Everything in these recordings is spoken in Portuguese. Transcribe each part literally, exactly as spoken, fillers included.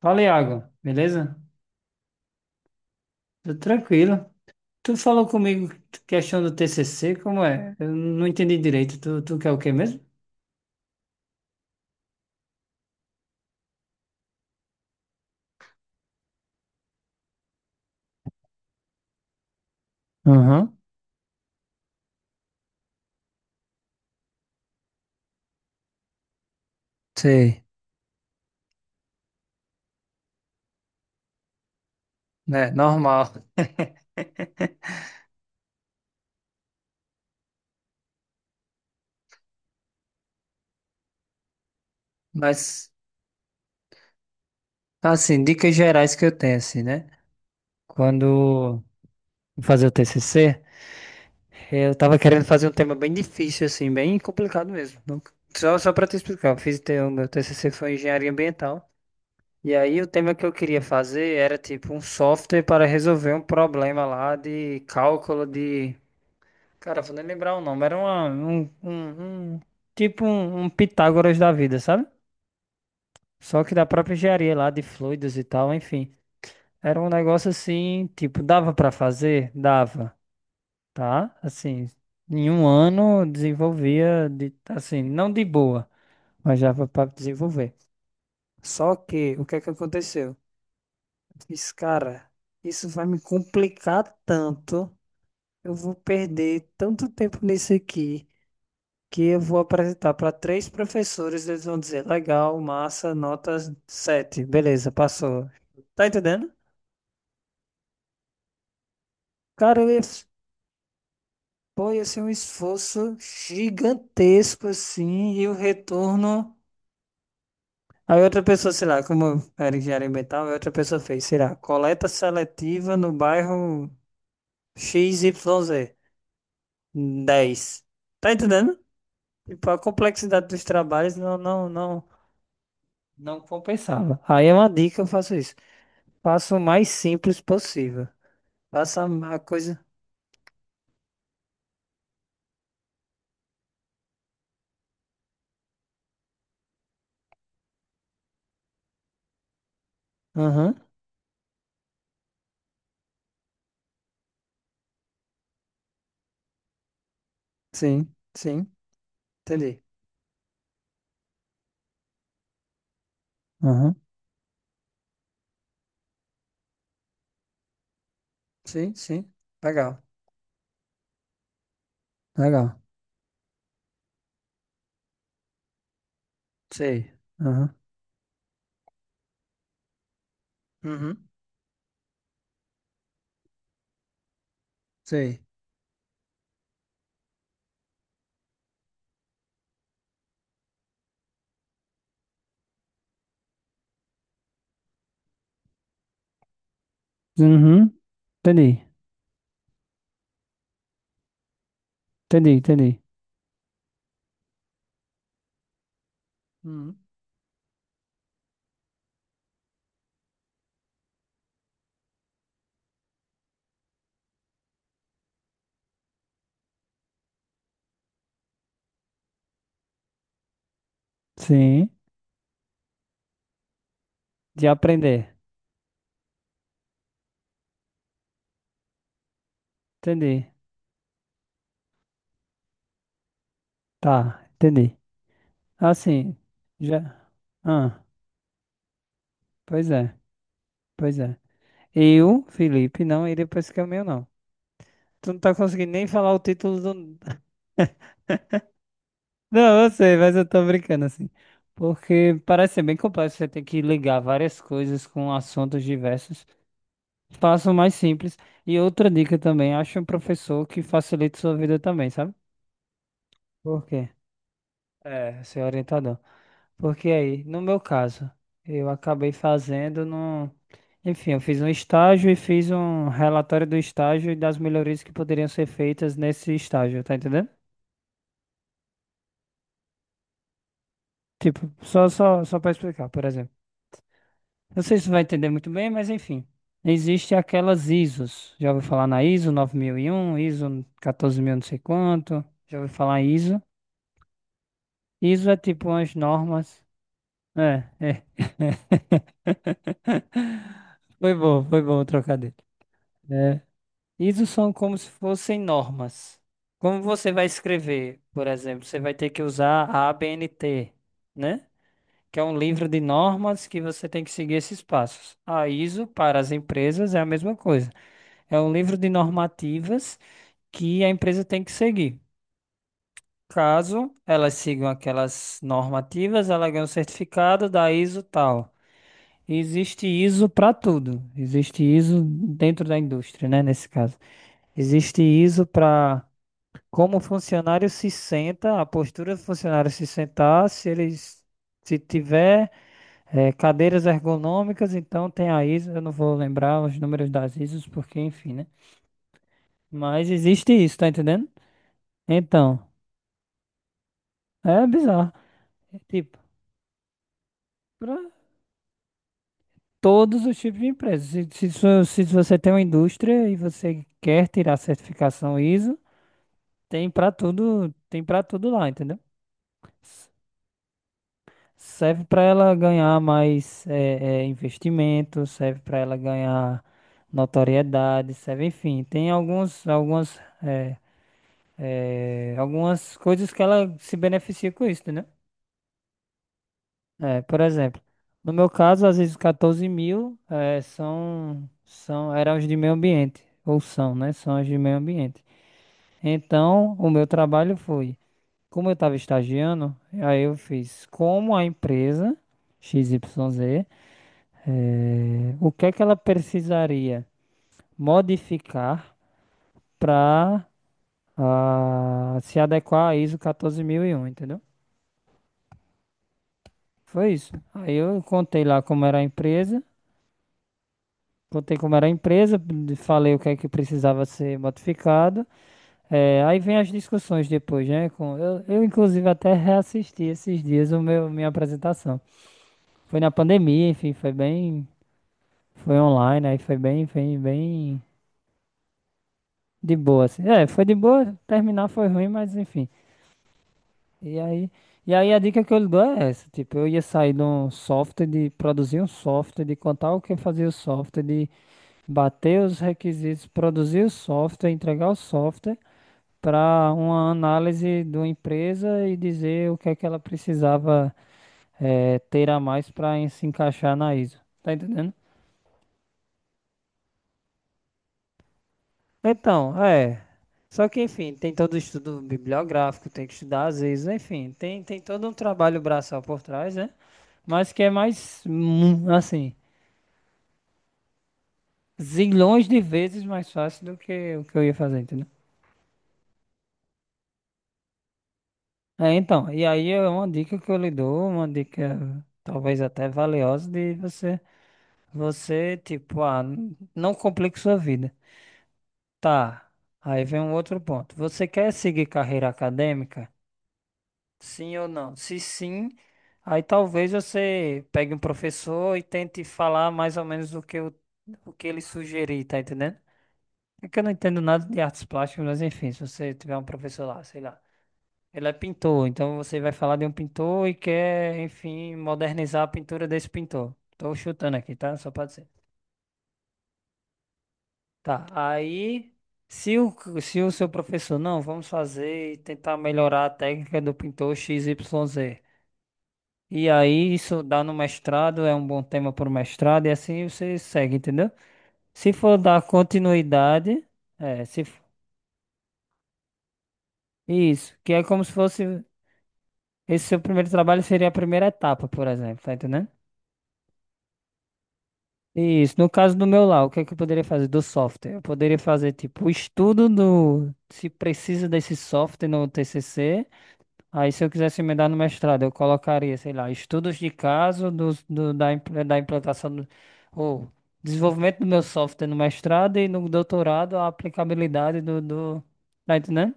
Fala, Iago, beleza? Tô tranquilo. Tu falou comigo questão do T C C, como é? Eu não entendi direito. Tu, tu quer o quê mesmo? Uhum. Sei. Né? Normal. Mas, assim, dicas gerais que eu tenho, assim, né? Quando eu fazia o T C C, eu tava querendo fazer um tema bem difícil, assim, bem complicado mesmo. Não- Só, só pra te explicar, eu fiz, te- o teu- meu T C C foi engenharia ambiental. E aí o tema que eu queria fazer era tipo um software para resolver um problema lá de cálculo de. Cara, vou nem lembrar o nome. Era uma, um, um, um- tipo um, um Pitágoras da vida, sabe? Só que da própria engenharia lá de fluidos e tal, enfim. Era um negócio assim, tipo, dava para fazer? Dava, tá? Assim, em um ano desenvolvia de, assim, não de boa, mas dava para desenvolver. Só que o que é que aconteceu? Disse, cara, isso vai me complicar tanto. Eu vou perder tanto tempo nisso aqui que eu vou apresentar para três professores. Eles vão dizer: legal, massa, notas sete, beleza, passou. Tá entendendo? Cara, eu ia- pô, ia ser um esforço gigantesco assim e o retorno. Aí outra pessoa, sei lá, como eu era engenharia ambiental, aí outra pessoa fez, sei lá, coleta seletiva no bairro X Y Z. Dez. Tá entendendo? Tipo, a complexidade dos trabalhos não, não, não, não compensava. Aí é uma dica, eu faço isso. faço o mais simples possível. Faça a coisa. Aham. Sim, sim, entendi. Aham. Sim, sim. Legal, legal. Sei. Aham. Uhum. Sei. Uhum. Entendi, entendi, entendi. Uhum. Sim, de aprender. Entendi. Tá, entendi. Assim, já. Ah, pois é, pois é. Eu, Felipe, não iria pra esse caminho, não. Tu não tá conseguindo nem falar o título do. Não, eu sei, mas eu tô brincando assim. Porque parece ser bem complexo, você tem que ligar várias coisas com assuntos diversos. Faça o mais simples. E outra dica também, acha um professor que facilite sua vida também, sabe? Por quê? É, ser orientador. Porque aí, no meu caso, eu acabei fazendo num. Enfim, eu fiz um estágio e fiz um relatório do estágio e das melhorias que poderiam ser feitas nesse estágio, tá entendendo? Tipo, só, só, só para explicar, por exemplo. Não sei se você vai entender muito bem, mas enfim. Existem aquelas ISOs. Já ouviu falar na ISO nove mil e um, ISO quatorze mil, não sei quanto. Já ouviu falar em ISO? ISO é tipo umas normas. É, é. Foi bom, foi bom o trocadilho. É. Isso são como se fossem normas. Como você vai escrever, por exemplo, você vai ter que usar a ABNT, né? Que é um livro de normas que você tem que seguir esses passos. A ISO para as empresas é a mesma coisa. É um livro de normativas que a empresa tem que seguir. Caso elas sigam aquelas normativas, ela ganha um certificado da ISO tal. Existe ISO para tudo. Existe ISO dentro da indústria, né? Nesse caso. Existe ISO para como o funcionário se senta, a postura do funcionário se sentar, se eles, se tiver eh, cadeiras ergonômicas, então tem a ISO. Eu não vou lembrar os números das ISOs, porque enfim, né? Mas existe isso, tá entendendo? Então, é bizarro. É tipo, pra todos os tipos de empresas. Se, se, sua- se você tem uma indústria e você quer tirar a certificação ISO. Tem pra tudo, tem pra tudo lá, entendeu? S- Serve pra ela ganhar mais é, é, investimento, serve pra ela ganhar notoriedade, serve, enfim, tem alguns, algumas, é, algumas coisas que ela se beneficia com isso, entendeu? É, por exemplo, no meu caso, às vezes quatorze mil é, são, são, eram os de meio ambiente, ou são, né? São os de meio ambiente. Então, o meu trabalho foi, como eu estava estagiando, aí eu fiz como a empresa X XYZ, eh, o que é que ela precisaria modificar para se adequar à ISO quatorze mil e um, entendeu? Foi isso. Aí eu contei lá como era a empresa, contei como era a empresa, de- falei o que é que precisava ser modificado. Eh, aí vem as discussões depois, né? Com- eu, eu, inclusive, até reassisti esses dias o meu, minha apresentação. Foi na pandemia, enfim, foi bem Foi online, aí foi bem, bem, bem de boa, assim. É, foi de boa, terminar foi ruim, mas enfim. E aí, e aí a dica que eu lhe dou é essa, tipo, eu ia sair de um software, de produzir um software, de contar o que fazia o software, de bater os requisitos, produzir o software, entregar o software para uma análise de uma empresa e dizer o que é que ela precisava eh, ter a mais para se encaixar na ISO. Tá entendendo? Então, é. Só que, enfim, tem todo o estudo bibliográfico, tem que estudar às vezes, enfim, tem, tem todo um trabalho braçal por trás, né? Mas que é mais, hum, assim, zilhões de vezes mais fácil do que o que eu ia fazer, entendeu? É, então, e aí é uma dica que eu lhe dou, uma dica talvez até valiosa de você, você, tipo, ah, n- não complique sua vida. Tá, aí vem um outro ponto. Você quer seguir carreira acadêmica? Sim ou não? Se sim, aí talvez você pegue um professor e tente falar mais ou menos o que, eu, o que ele sugerir, tá entendendo? É que eu não entendo nada de artes plásticas, mas enfim, se você tiver um professor lá, sei lá, ele é pintor, então você vai falar de um pintor e quer, enfim, modernizar a pintura desse pintor. Tô chutando aqui, tá? Só pode ser. Tá, aí, se o, se o seu professor, não, vamos fazer e tentar melhorar a técnica do pintor x XYZ. E aí, isso dá no mestrado, é um bom tema para o mestrado, e assim você segue, entendeu? Se for dar continuidade, é, se, f- isso, que é como se fosse, esse seu primeiro trabalho seria a primeira etapa, por exemplo, tá entendendo? Isso, no caso do meu lá, o que é que eu poderia fazer do software? Eu poderia fazer, tipo, o estudo do, se precisa desse software no T C C. Aí, se eu quisesse emendar no mestrado, eu colocaria, sei lá, estudos de caso dos- do, da, impl- da implantação do, ou desenvolvimento do meu software no mestrado e no doutorado a aplicabilidade do, do, tá entendendo?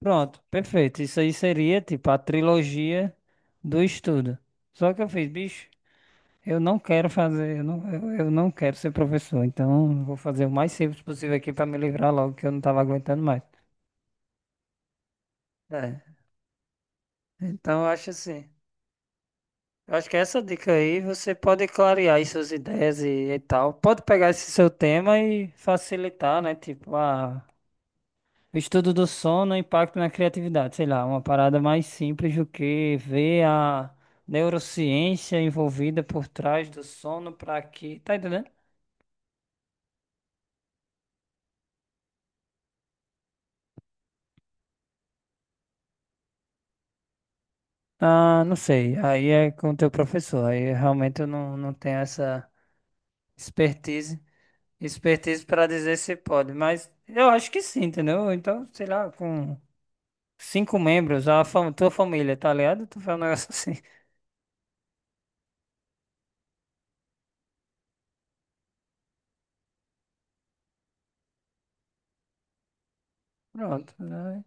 Pronto, perfeito. Isso aí seria tipo a trilogia do estudo. Só que eu fiz, bicho, eu não quero fazer, eu não, eu, eu não quero ser professor, então eu vou fazer o mais simples possível aqui para me livrar logo que eu não tava aguentando mais. É, então eu acho assim. Eu acho que essa dica aí você pode clarear aí suas ideias e, e tal. Pode pegar esse seu tema e facilitar, né? Tipo, ah, o estudo do sono, impacto na criatividade. Sei lá, uma parada mais simples do que ver a neurociência envolvida por trás do sono para que. Tá entendendo? Ah, não sei. Aí é com o teu professor. Aí realmente eu não, não tenho essa expertise, expertise para dizer se pode. Mas eu acho que sim, entendeu? Então, sei lá, com. Cinco membros, a fam- tua família, tá ligado? Tu faz um negócio assim. Pronto, né?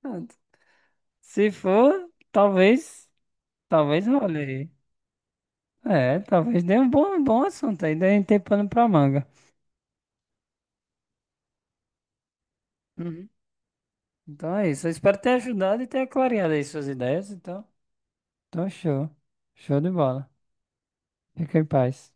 Pronto. Se for, talvez, talvez role aí. É, talvez dê um bom, um bom assunto aí, dê tem pano pra manga. Uhum. Então é isso. Eu espero ter ajudado e ter clareado aí suas ideias. Então, então show. Show de bola. Fica em paz.